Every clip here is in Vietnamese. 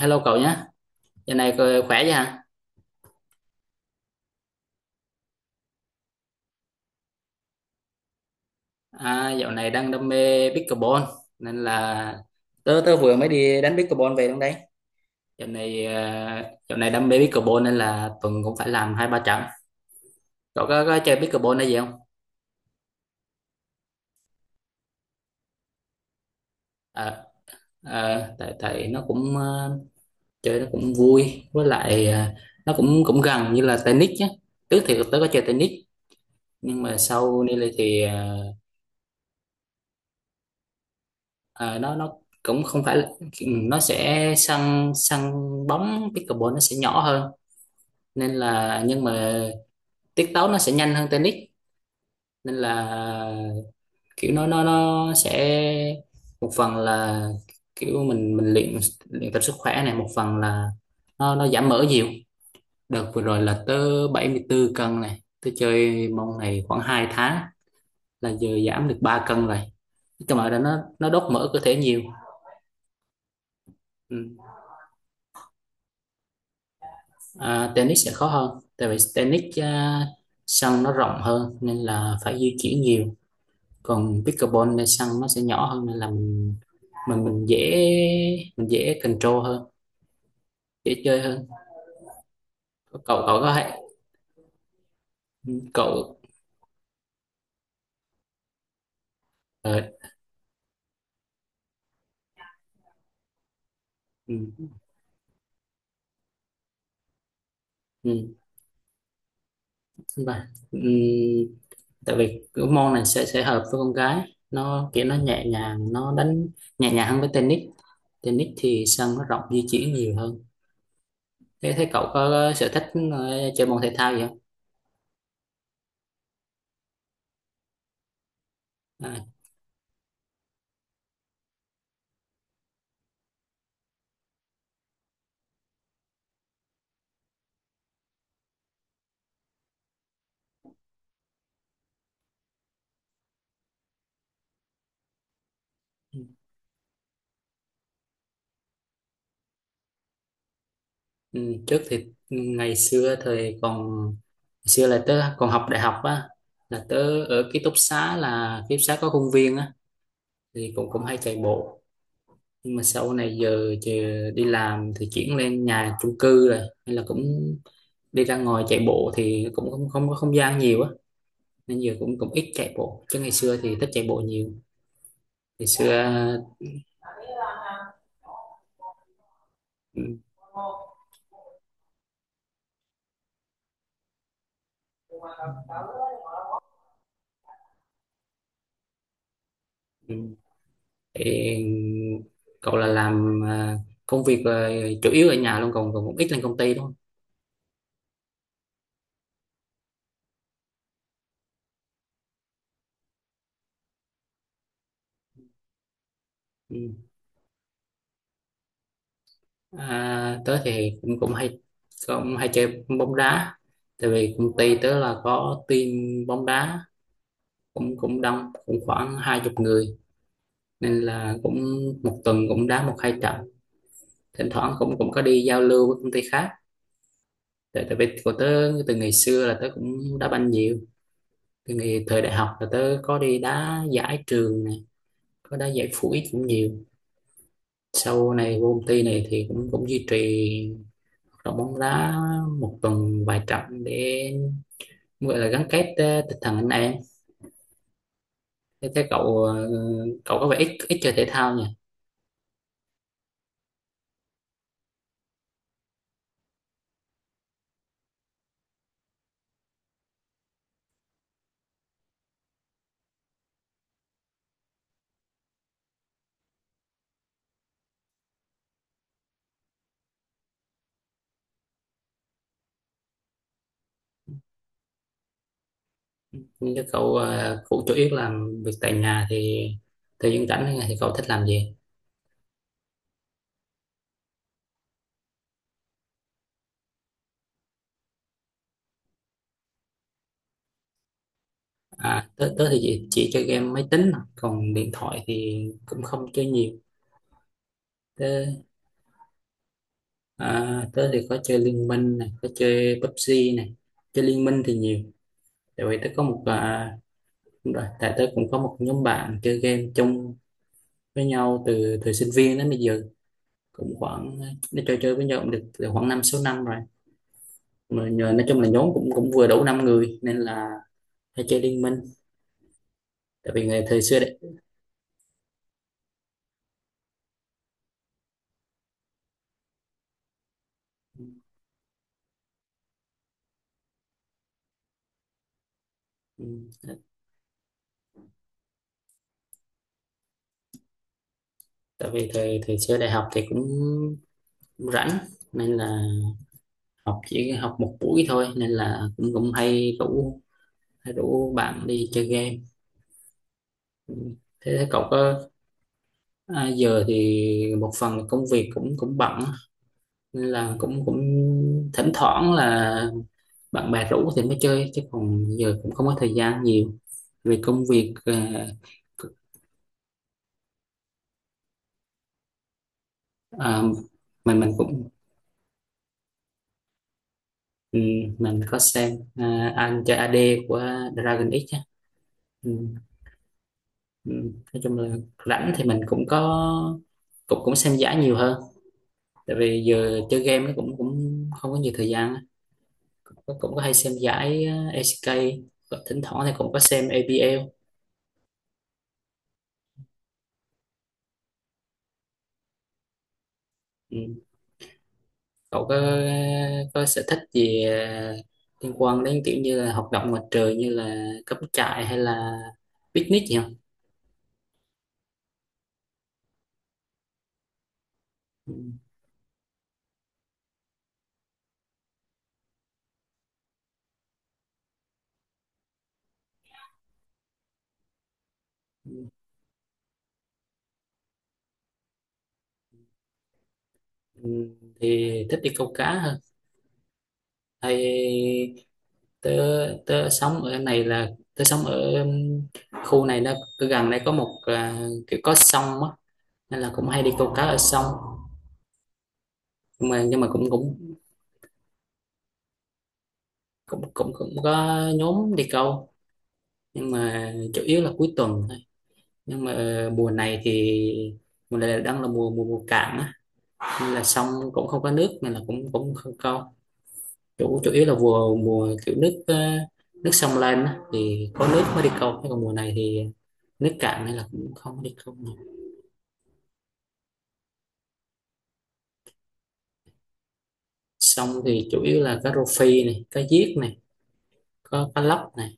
Hello cậu nhé, giờ này cậu khỏe chứ hả? À, dạo này đang đam mê pickleball nên là tớ tớ vừa mới đi đánh pickleball về luôn đấy. Dạo này à, Dạo này đam mê pickleball nên là tuần cũng phải làm hai ba trận. Cậu có chơi pickleball hay gì không? À, tại tại nó cũng chơi nó cũng vui với lại nó cũng cũng gần như là tennis nhé. Trước thì tớ có chơi tennis nhưng mà sau đây thì. Ờ, nó cũng không phải là, nó sẽ săn săn bóng pickleball nó sẽ nhỏ hơn nên là nhưng mà tiết tấu nó sẽ nhanh hơn tennis nên là kiểu nó sẽ một phần là kiểu mình luyện luyện tập sức khỏe này, một phần là nó giảm mỡ nhiều. Đợt vừa rồi là tới 74 cân này, tôi chơi môn này khoảng 2 tháng là giờ giảm được 3 cân rồi, cái mà nó đốt mỡ cơ thể nhiều. ừ. À, tennis sẽ khó hơn tại vì tennis, sân nó rộng hơn nên là phải di chuyển nhiều, còn pickleball nên sân nó sẽ nhỏ hơn nên là mình dễ, mình dễ control hơn, dễ chơi hơn. Cậu cậu có hay cậu ờ, ừ, ừ, đúng rồi. Ừ, tại vì cái môn này sẽ hợp với con gái, nó kiểu nó nhẹ nhàng, nó đánh nhẹ nhàng hơn với tennis. Tennis thì sân nó rộng di chuyển nhiều hơn. Thế thế cậu có sở thích chơi môn thể thao gì không? À. Ừ. Ừ, trước thì ngày xưa là tớ còn học đại học á, là tớ ở ký túc xá, là ký túc xá có công viên á thì cũng cũng hay chạy bộ, nhưng mà sau này giờ đi làm thì chuyển lên nhà chung cư rồi nên là cũng đi ra ngoài chạy bộ thì cũng không không có không gian nhiều á, nên giờ cũng cũng ít chạy bộ chứ ngày xưa thì thích chạy bộ nhiều ngày xưa. Ừ, ừ. Ê, cậu là làm à, công việc là chủ yếu ở nhà luôn còn còn cũng ít lên công ty đúng không? Ừ. À, tớ thì cũng cũng hay chơi bóng đá tại vì công ty tớ là có team bóng đá cũng cũng đông, cũng khoảng hai chục người nên là cũng một tuần cũng đá một hai trận, thỉnh thoảng cũng cũng có đi giao lưu với công ty khác. Tại tại vì của tớ từ ngày xưa là tớ cũng đá banh nhiều, từ ngày thời đại học là tớ có đi đá giải trường này, có đá giải phụ ích cũng nhiều, sau này vô công ty này thì cũng cũng duy trì hoạt động bóng đá một tuần vài trận để gọi là gắn kết tinh thần anh em. Thế cậu có vẻ ít ít chơi thể thao nhỉ. Nhưng cho cậu, cũng chủ yếu làm việc tại nhà thì thời gian rảnh thì cậu thích làm gì? Tớ thì chỉ chơi game máy tính thôi. Còn điện thoại thì cũng không chơi nhiều. Tớ, à, tớ thì có chơi Liên Minh này, có chơi PUBG này, chơi Liên Minh thì nhiều. Tại vì tớ có một à, Đúng rồi, tại tớ cũng có một nhóm bạn chơi game chung với nhau từ thời sinh viên đến bây giờ, cũng khoảng nó chơi chơi với nhau cũng được từ khoảng năm sáu năm rồi. Mà nhờ, nói chung là nhóm cũng cũng vừa đủ năm người nên là hay chơi liên minh. Tại vì ngày thời xưa đấy ừ, tại vì thời thời xưa đại học thì cũng rảnh nên là học chỉ học một buổi thôi nên là cũng cũng hay rủ bạn đi chơi game. Ừ. Thế giờ thì một phần là công việc cũng cũng bận. Nên là cũng cũng thỉnh thoảng là bạn bè rủ thì mới chơi chứ còn giờ cũng không có thời gian nhiều vì công việc ờ, mình cũng ừ, mình có xem anh chơi AD của Dragon X á. Ừ, ừ. Nói chung là rảnh thì mình cũng cũng xem giải nhiều hơn tại vì giờ chơi game nó cũng cũng không có nhiều thời gian á. Cũng có hay xem giải ACK, thỉnh thoảng thì cũng có xem APL. Ừ. Cậu có sở thích gì liên quan đến kiểu như là hoạt động ngoài trời như là cắm trại hay là picnic gì không? Ừ, ừ, thì thích đi câu cá hơn. Hay tớ tớ sống ở này là tớ sống ở khu này, nó gần đây có một kiểu có sông á nên là cũng hay đi câu cá ở sông. Nhưng mà cũng cũng cũng cũng cũng có nhóm đi câu nhưng mà chủ yếu là cuối tuần. Nhưng mà mùa này thì mùa này đang là mùa mùa mùa cạn á nên là sông cũng không có nước nên là cũng cũng không câu. Chủ chủ yếu là mùa mùa kiểu nước nước sông lên á, thì có nước mới đi câu, chứ còn mùa này thì nước cạn nên là cũng không có đi câu nữa. Sông thì chủ yếu là có rô phi này, có giếc này, có cá lóc này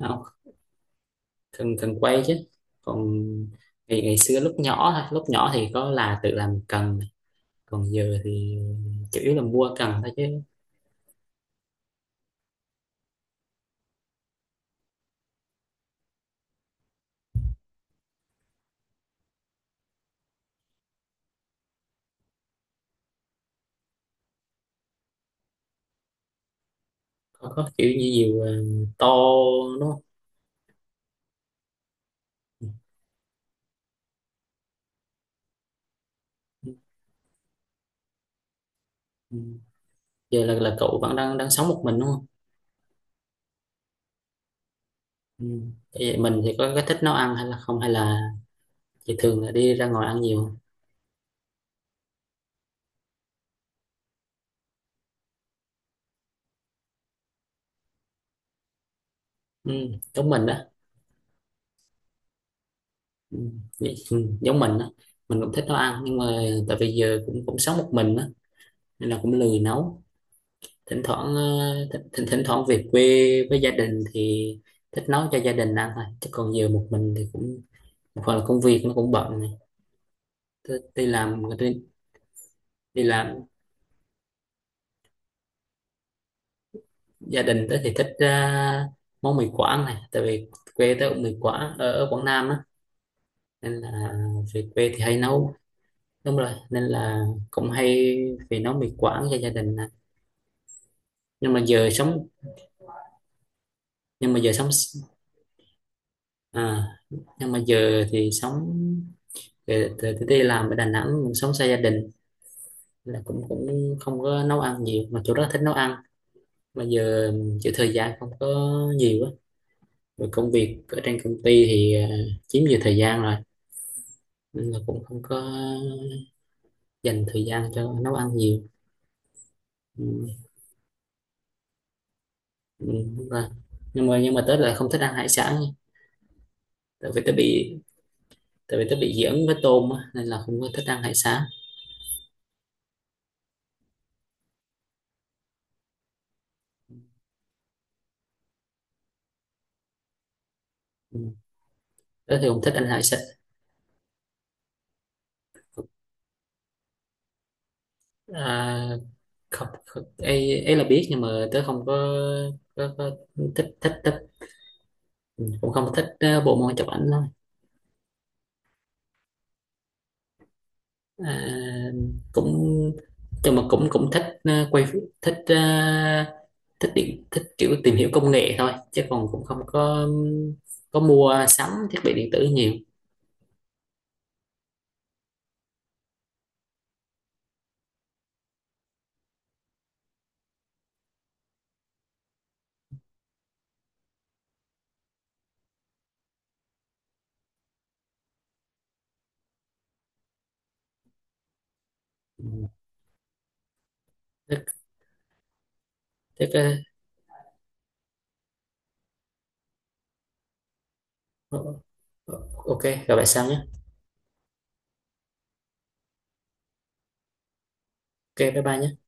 không? Cần cần quay chứ, còn thì ngày xưa lúc nhỏ thì có là tự làm cần này. Còn giờ thì chủ yếu là mua cần thôi chứ. Có kiểu như nhiều to đúng không? Ừ, ừ. Giờ là cậu vẫn đang đang sống một mình đúng không? Ừ. Vậy mình thì có cái thích nấu ăn hay là không hay là thì thường là đi ra ngoài ăn nhiều. Ừ. Giống mình đó. Ừ. Giống mình đó, mình cũng thích nấu ăn nhưng mà tại vì giờ cũng cũng sống một mình đó nên là cũng lười nấu. Thỉnh thoảng thỉnh thoảng về quê với gia đình thì thích nấu cho gia đình ăn thôi chứ còn giờ một mình thì cũng một phần là công việc nó cũng bận này. Tôi đi làm đi, đi làm. Gia đình tớ thì thích món mì Quảng này tại vì quê tớ cũng mì Quảng ở Quảng Nam á nên là về quê thì hay nấu, đúng rồi, nên là cũng hay về nấu mì Quảng cho gia đình nè. nhưng mà giờ sống nhưng mà giờ sống à, nhưng mà giờ thì sống, về từ từ đi làm ở Đà Nẵng, mình sống xa gia đình là cũng cũng không có nấu ăn nhiều mà chỗ đó thích nấu ăn mà giờ chữ thời gian không có nhiều á, rồi công việc ở trên công ty thì chiếm nhiều thời gian rồi nên là cũng không có dành thời gian cho nấu ăn nhiều. Ừm. Nhưng mà tớ lại không thích ăn hải sản. Tại vì tớ bị tại vì tớ bị dị ứng với tôm á, nên là không có thích ăn hải sản. Ừm. Tớ thì không thích ăn hải sản. À, không, không, ấy, ấy là biết nhưng mà tớ không có thích thích thích Ừ, cũng không thích bộ môn chụp ảnh. à, Cũng nhưng mà cũng cũng thích quay, thích thích điện thích kiểu tìm hiểu công nghệ thôi chứ còn cũng không có có mua sắm thiết bị điện tử nhiều. Ừ. thế, thế, ờ, ờ, ok gặp lại sau nhé. Ok bye bye nhé.